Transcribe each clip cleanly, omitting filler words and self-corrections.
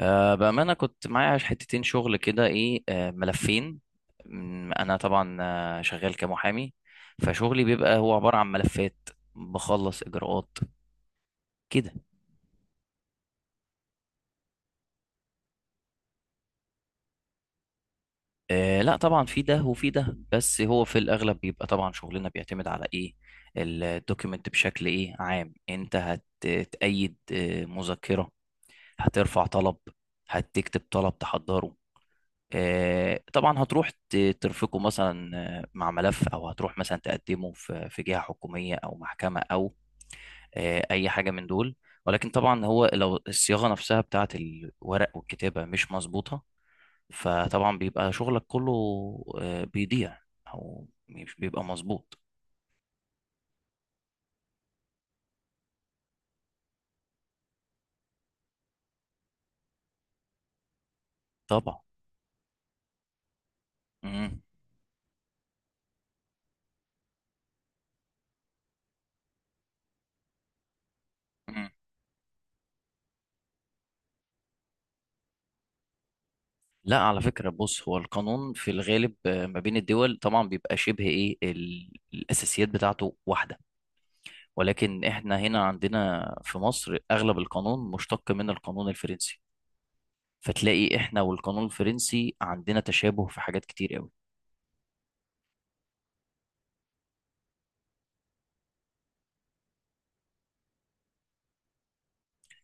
بأمانة كنت معايا حتتين شغل كده إيه ملفين. أنا طبعا شغال كمحامي، فشغلي بيبقى هو عبارة عن ملفات، بخلص إجراءات كده. أه، لا طبعا في ده وفي ده، بس هو في الأغلب بيبقى طبعا شغلنا بيعتمد على إيه؟ الدوكيمنت بشكل إيه عام. أنت هتأيد مذكرة، هترفع طلب، هتكتب طلب تحضره، طبعا هتروح ترفقه مثلا مع ملف، او هتروح مثلا تقدمه في جهة حكومية او محكمة او اي حاجة من دول. ولكن طبعا هو لو الصياغة نفسها بتاعت الورق والكتابة مش مظبوطة، فطبعا بيبقى شغلك كله بيضيع او مش بيبقى مظبوط. طبعا. مم. مم. لا على فكرة، بص هو القانون في الغالب ما بين الدول طبعا بيبقى شبه ايه الأساسيات بتاعته واحدة، ولكن احنا هنا عندنا في مصر اغلب القانون مشتق من القانون الفرنسي، فتلاقي احنا والقانون الفرنسي عندنا تشابه في حاجات كتير قوي.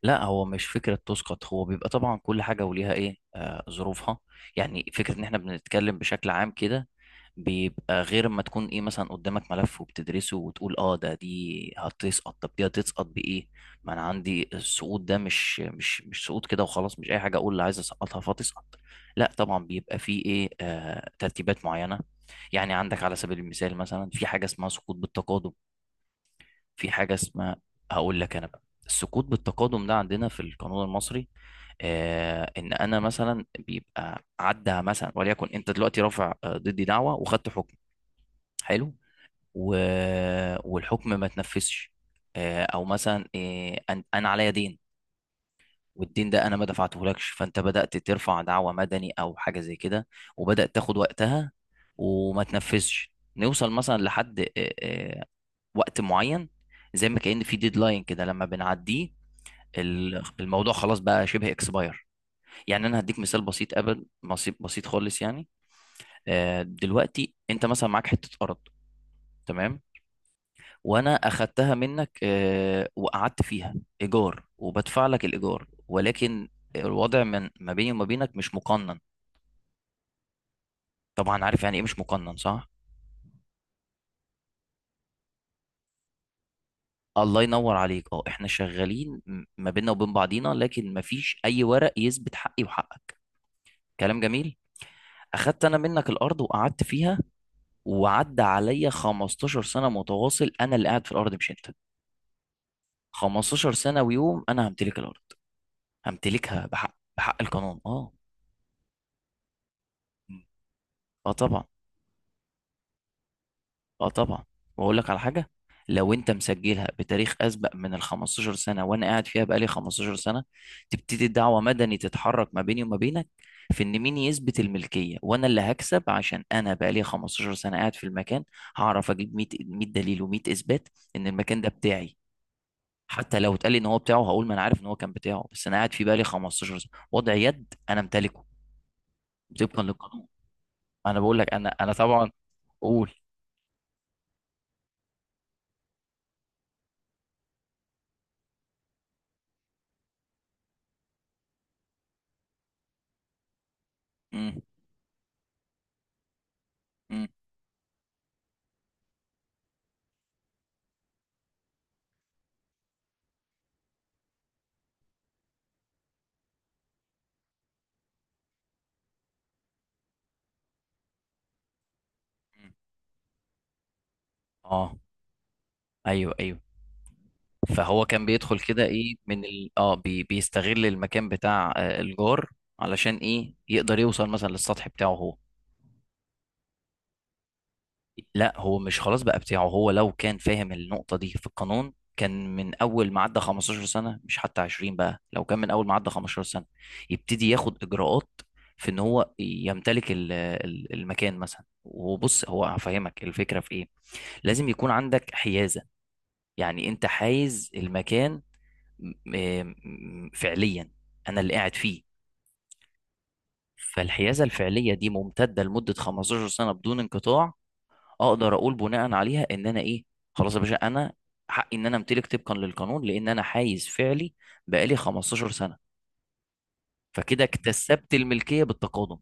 لا هو مش فكرة تسقط، هو بيبقى طبعا كل حاجة وليها ايه ظروفها. يعني فكرة ان احنا بنتكلم بشكل عام كده بيبقى غير ما تكون ايه مثلا قدامك ملف وبتدرسه وتقول اه ده دي هتسقط، طب دي هتسقط بايه؟ ما انا عندي السقوط ده مش سقوط كده وخلاص، مش اي حاجة اقول اللي عايز اسقطها فتسقط. لا طبعا بيبقى فيه ايه ترتيبات معينة. يعني عندك على سبيل المثال مثلا في حاجة اسمها سقوط بالتقادم. في حاجة اسمها، هقول لك أنا بقى، السكوت بالتقادم ده عندنا في القانون المصري إن أنا مثلا بيبقى عدى مثلا، وليكن أنت دلوقتي رافع ضدي دعوة وخدت حكم. حلو. و... والحكم ما تنفذش، أو مثلا أنا عليا دين، والدين ده أنا ما دفعتهولكش، فأنت بدأت ترفع دعوة مدني أو حاجة زي كده، وبدأت تاخد وقتها وما تنفذش، نوصل مثلا لحد وقت معين، زي ما كأن في ديدلاين كده لما بنعديه الموضوع خلاص بقى شبه اكسباير. يعني انا هديك مثال بسيط، قبل بسيط، بسيط خالص يعني. دلوقتي انت مثلا معاك حتة ارض. تمام. وانا اخدتها منك وقعدت فيها ايجار وبدفع لك الايجار، ولكن الوضع ما بيني وما بينك مش مقنن. طبعا عارف يعني ايه مش مقنن، صح؟ الله ينور عليك. اه احنا شغالين ما بيننا وبين بعضينا، لكن ما فيش اي ورق يثبت حقي وحقك. كلام جميل. اخدت انا منك الارض وقعدت فيها، وعدى عليا 15 سنة متواصل أنا اللي قاعد في الأرض، مش أنت. 15 سنة ويوم، أنا همتلك الأرض، همتلكها بحق، بحق القانون. أه. مم. أه طبعا. أه طبعا، وأقول لك على حاجة. لو أنت مسجلها بتاريخ أسبق من ال 15 سنة وأنا قاعد فيها بقالي 15 سنة، تبتدي الدعوة مدني تتحرك ما بيني وما بينك في إن مين يثبت الملكية، وأنا اللي هكسب عشان أنا بقالي 15 سنة قاعد في المكان. هعرف أجيب 100 دليل و100 إثبات إن المكان ده بتاعي. حتى لو اتقال لي ان هو بتاعه، هقول ما انا عارف ان هو كان بتاعه، بس انا قاعد في بالي 15 سنه، وضع يد، انا امتلكه طبقا للقانون. انا بقول لك انا، انا طبعا اقول. مم. مم. مم. اه. ايوه ايوه. فهو كان بيدخل كده ايه من ال... اه بي... بيستغل المكان بتاع الجار، علشان ايه يقدر يوصل مثلا للسطح بتاعه هو. لا هو مش خلاص بقى بتاعه، هو لو كان فاهم النقطة دي في القانون كان من أول ما عدى 15 سنة، مش حتى 20 بقى، لو كان من أول ما عدى 15 سنة يبتدي ياخد إجراءات في إن هو يمتلك المكان مثلا. وبص هو هفهمك الفكرة في إيه. لازم يكون عندك حيازة، يعني أنت حايز المكان م- فعليا، أنا اللي قاعد فيه. فالحيازة الفعلية دي ممتدة لمدة 15 سنة بدون انقطاع، اقدر اقول بناء عليها ان انا ايه، خلاص يا باشا، انا حقي ان انا امتلك طبقا للقانون، لان انا حايز فعلي بقالي 15 سنه، فكده اكتسبت الملكيه بالتقادم.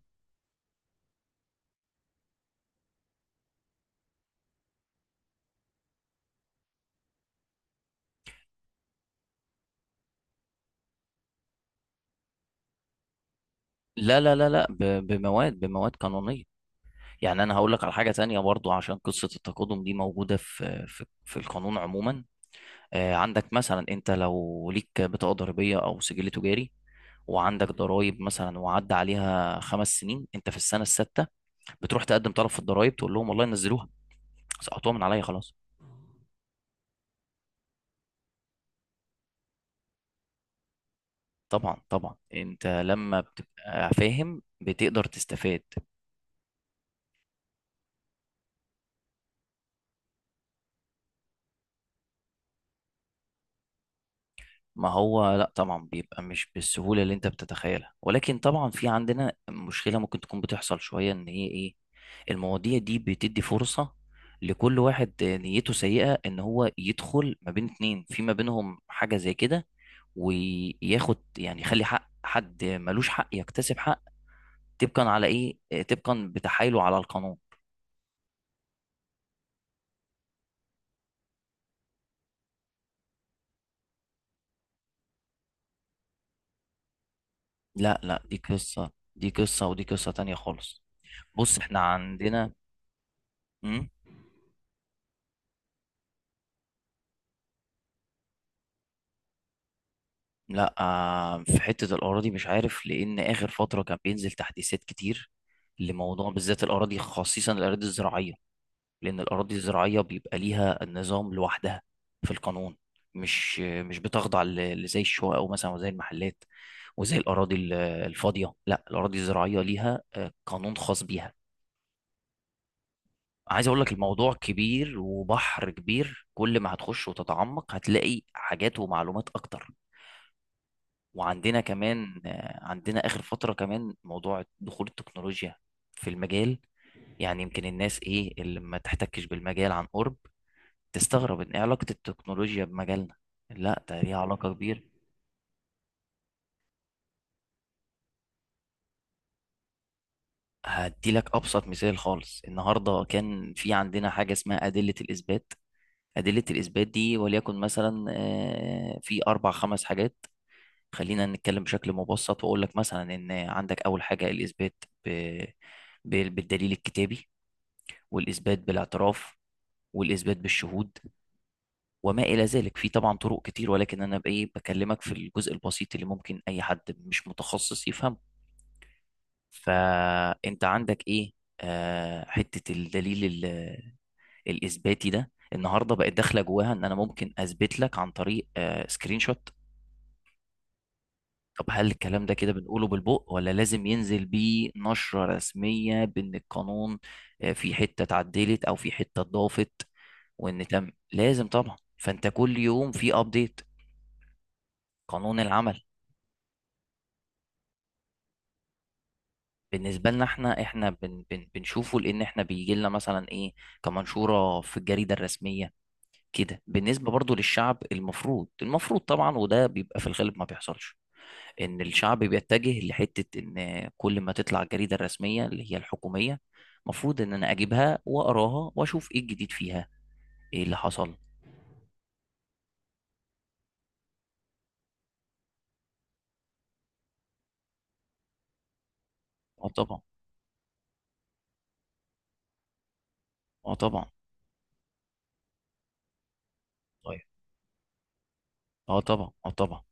لا لا لا لا، بمواد قانونيه. يعني انا هقول لك على حاجه تانية برضو عشان قصه التقادم دي موجوده في القانون عموما. عندك مثلا انت لو ليك بطاقه ضريبيه او سجل تجاري، وعندك ضرائب مثلا وعدى عليها 5 سنين، انت في السنه السادسه بتروح تقدم طلب في الضرائب تقول لهم والله نزلوها، سقطوها من عليا خلاص. طبعا طبعا، انت لما بتبقى فاهم بتقدر تستفاد. ما هو لا طبعا بيبقى مش بالسهولة اللي انت بتتخيلها، ولكن طبعا في عندنا مشكلة ممكن تكون بتحصل شوية ان هي ايه، المواضيع دي بتدي فرصة لكل واحد نيته سيئة ان هو يدخل ما بين اتنين في ما بينهم حاجة زي كده، وياخد، يعني يخلي حق حد ملوش حق يكتسب حق، طبقا على ايه؟ طبقا بتحايله على القانون. لا لا، دي قصة، دي قصة، ودي قصة تانية خالص. بص احنا عندنا. مم؟ لا في حتة الأراضي مش عارف، لأن آخر فترة كان بينزل تحديثات كتير لموضوع بالذات الأراضي، خصيصا الأراضي الزراعية، لأن الأراضي الزراعية بيبقى ليها نظام لوحدها في القانون، مش بتخضع لزي الشقق أو مثلا وزي المحلات وزي الأراضي الفاضية. لا الأراضي الزراعية ليها قانون خاص بيها. عايز أقول لك الموضوع كبير وبحر كبير، كل ما هتخش وتتعمق هتلاقي حاجات ومعلومات أكتر. وعندنا كمان عندنا آخر فترة كمان موضوع دخول التكنولوجيا في المجال. يعني يمكن الناس إيه اللي ما تحتكش بالمجال عن قرب، تستغرب إن إيه علاقة التكنولوجيا بمجالنا. لا ده ليها علاقة كبيرة. هديلك أبسط مثال خالص، النهاردة كان في عندنا حاجة اسمها أدلة الإثبات. أدلة الإثبات دي وليكن مثلا في أربع خمس حاجات. خلينا نتكلم بشكل مبسط وأقول لك مثلا إن عندك أول حاجة الإثبات بالدليل الكتابي، والاثبات بالاعتراف، والاثبات بالشهود، وما الى ذلك. في طبعا طرق كتير، ولكن انا بكلمك في الجزء البسيط اللي ممكن اي حد مش متخصص يفهمه. فانت عندك ايه، حته الدليل الاثباتي ده، النهارده بقت داخله جواها ان انا ممكن اثبت لك عن طريق سكرين شوت. طب هل الكلام ده كده بنقوله بالبق ولا لازم ينزل بيه نشرة رسمية بأن القانون في حتة اتعدلت أو في حتة اتضافت، وإن تم لازم طبعا، فأنت كل يوم في أبديت. قانون العمل. بالنسبة لنا احنا، احنا بن بن بنشوفه لأن احنا بيجي لنا مثلا إيه، كمنشورة في الجريدة الرسمية. كده بالنسبة برضو للشعب، المفروض طبعا، وده بيبقى في الغالب ما بيحصلش، ان الشعب بيتجه لحته ان كل ما تطلع الجريده الرسميه اللي هي الحكوميه، المفروض ان انا اجيبها واقراها واشوف ايه الجديد فيها، ايه اللي حصل. اه طبعا، اه طبعا. طيب. اه طبعا، اه طبعا.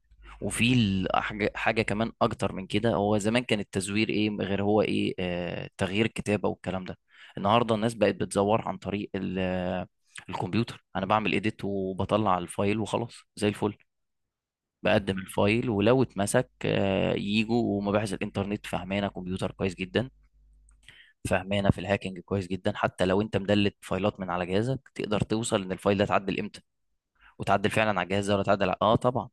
وفي ال- حاجه حاجة كمان اكتر من كده، هو زمان كان التزوير ايه غير هو ايه تغيير الكتابه والكلام ده. النهارده الناس بقت بتزور عن طريق الكمبيوتر، انا بعمل ايديت وبطلع الفايل وخلاص زي الفل، بقدم الفايل. ولو اتمسك يجوا ومباحث الانترنت فهمانه كمبيوتر كويس جدا، فهمانه في الهاكينج كويس جدا. حتى لو انت مدلت فايلات من على جهازك، تقدر توصل ان الفايل ده اتعدل امتى، وتعدل فعلا على الجهاز ده ولا اتعدل اه طبعا.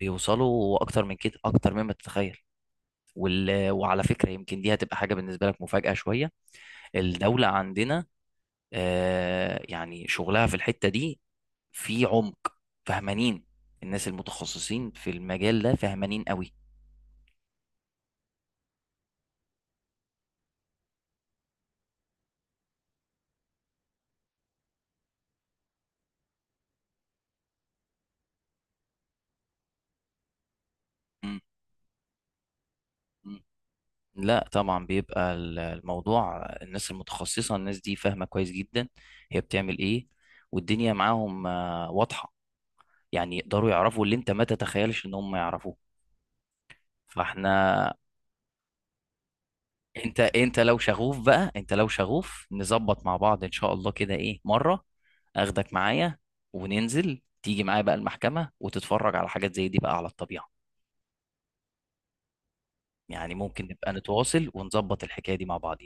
بيوصلوا اكتر من كده، اكتر مما تتخيل. وعلى فكره يمكن دي هتبقى حاجه بالنسبه لك مفاجاه شويه. الدوله عندنا يعني شغلها في الحته دي في عمق، فهمانين. الناس المتخصصين في المجال ده فهمانين قوي. لا طبعا بيبقى الموضوع، الناس المتخصصة، الناس دي فاهمة كويس جدا هي بتعمل ايه، والدنيا معاهم واضحة. يعني يقدروا يعرفوا اللي انت ما تتخيلش ان هم يعرفوه. فاحنا، انت لو شغوف بقى، انت لو شغوف نظبط مع بعض ان شاء الله كده ايه مرة، اخدك معايا وننزل، تيجي معايا بقى المحكمة وتتفرج على حاجات زي دي بقى على الطبيعة. يعني ممكن نبقى نتواصل ونظبط الحكاية دي مع بعض.